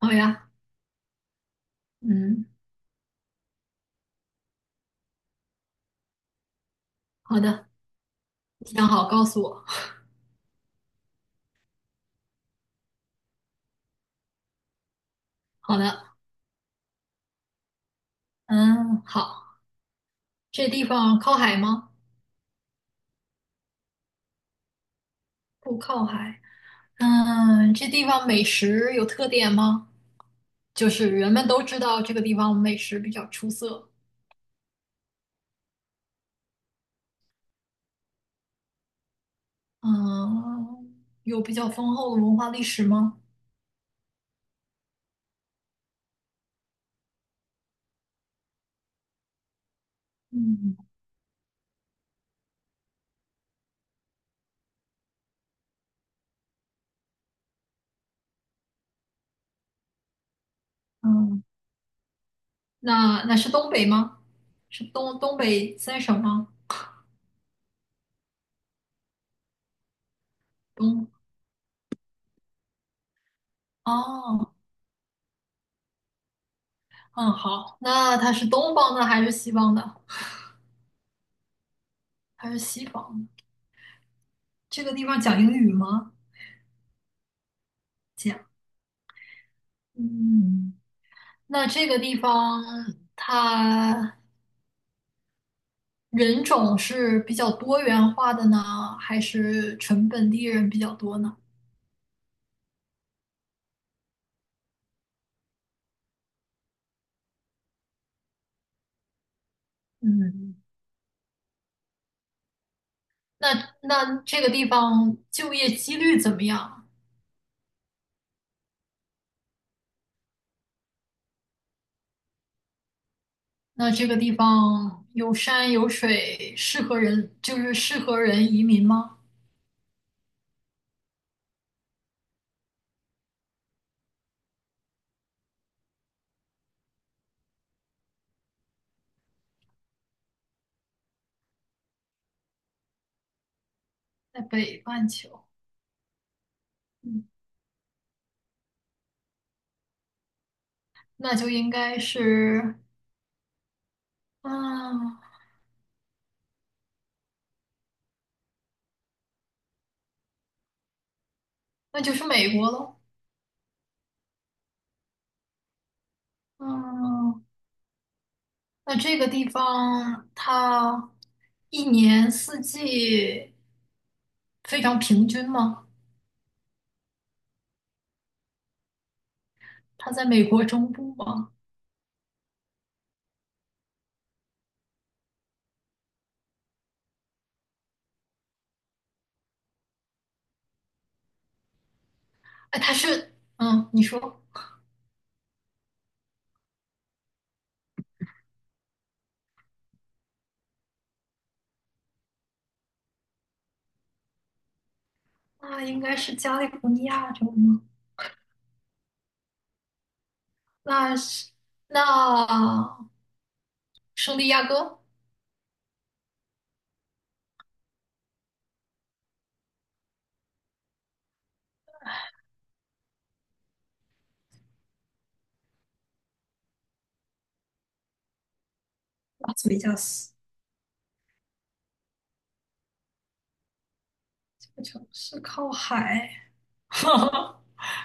好呀。嗯。好的，你想好告诉我。好的。嗯，好。这地方靠海吗？不靠海。嗯，这地方美食有特点吗？就是人们都知道这个地方美食比较出色。嗯，有比较丰厚的文化历史吗？嗯嗯，那是东北吗？是东北三省吗？东，哦，嗯，好。那它是东方的还是西方的？还是西方的。这个地方讲英语吗？这样，嗯，那这个地方它人种是比较多元化的呢，还是纯本地人比较多呢？嗯，那那这个地方就业几率怎么样？那这个地方有山有水，适合人，就是适合人移民吗？在北半球，嗯，那就应该是，啊，那就是美国喽。嗯。那这个地方它一年四季非常平均吗？它在美国中部吗？哎，它是，嗯，你说，那应该是加利福尼亚州吗？那是那圣地亚哥，拉斯维加斯这个城市靠海，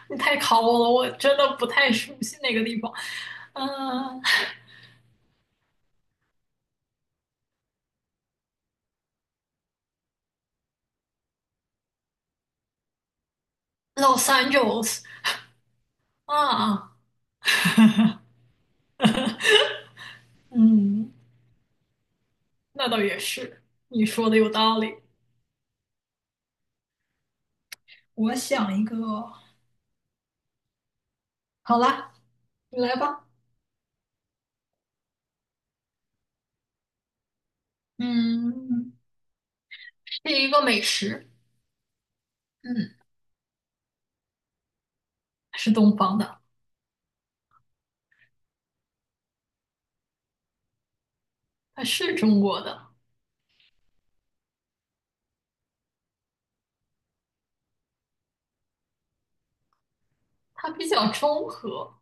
你太考我了，我真的不太熟悉那个地方。嗯，Los Angeles 啊。嗯。那倒也是，你说的有道理。我想一个，好啦，你来吧。嗯，是一个美食。嗯，是东方的。它是中国的。它比较中和，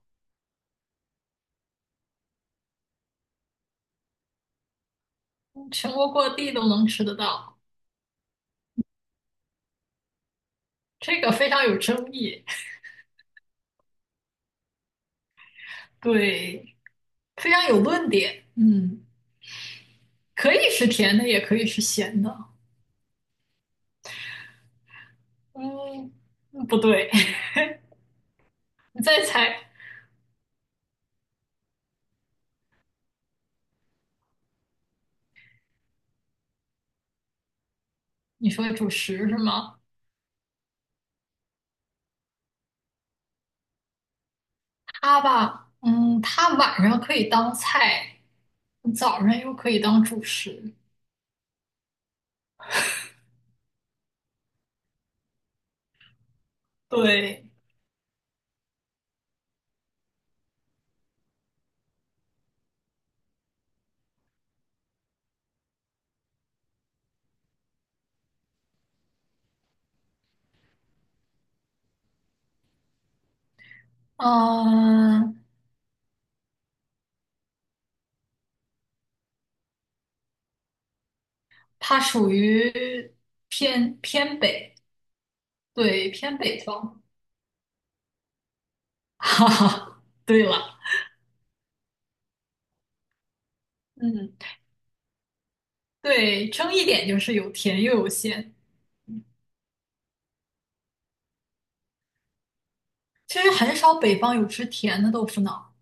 全国各地都能吃得到。这个非常有争议。对，非常有论点。嗯，可以是甜的，也可以是咸的。嗯，不对。你再猜。你说主食是吗？它吧，嗯，它晚上可以当菜，早上又可以当主食。对。嗯，它属于偏北，对，偏北方。哈哈，对了。嗯，对，争一点就是有甜又有咸。其实很少北方有吃甜的豆腐脑，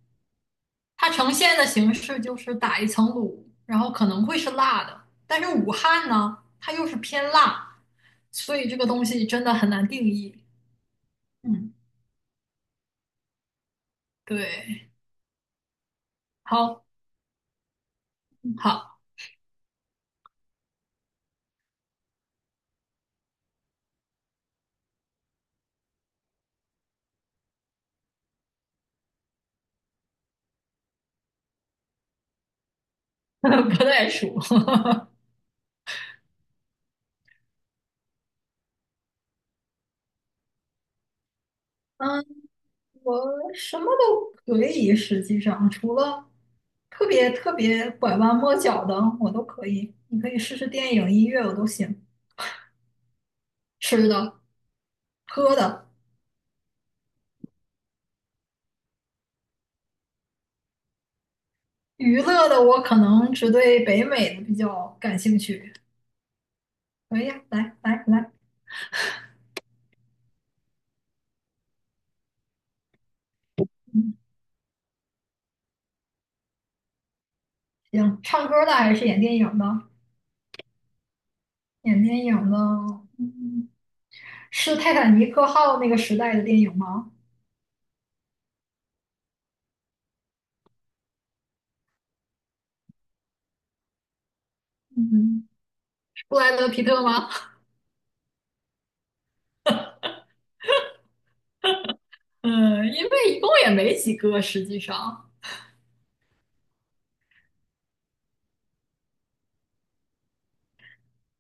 它呈现的形式就是打一层卤，然后可能会是辣的，但是武汉呢，它又是偏辣，所以这个东西真的很难定义。嗯，对。好，好，不太熟。嗯，我什么都可以，实际上除了特别特别拐弯抹角的，我都可以。你可以试试电影、音乐，我都行。吃的、喝的、娱乐的，我可能只对北美的比较感兴趣。可以呀，来来来。嗯，行，唱歌的还是演电影的？演电影的。嗯，是《泰坦尼克号》那个时代的电影吗？嗯，布莱德皮特吗？嗯，因为一共也没几个，实际上。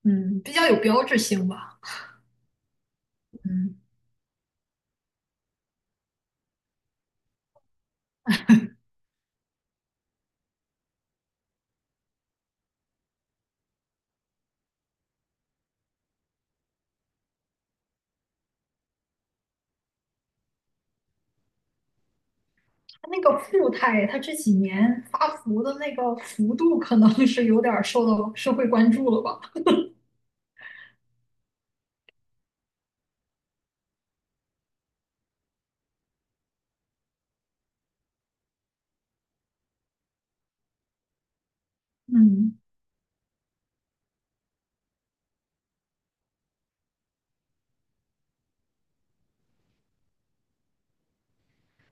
嗯，比较有标志性吧。嗯，他那个富态，他这几年发福的那个幅度，可能是有点儿受到社会关注了吧？嗯，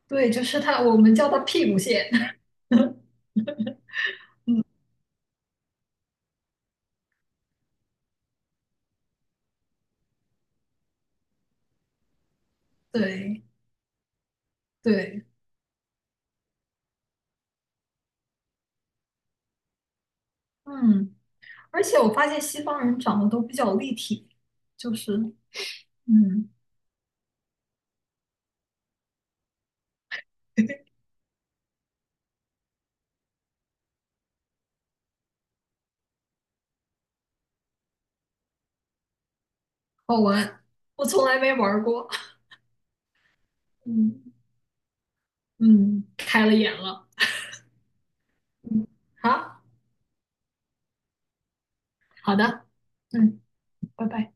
对，就是他，我们叫他屁股蟹。对对。嗯。而且我发现西方人长得都比较立体，就是嗯。好玩，我从来没玩儿过。 嗯嗯，开了眼了。嗯，好好的。嗯，拜拜。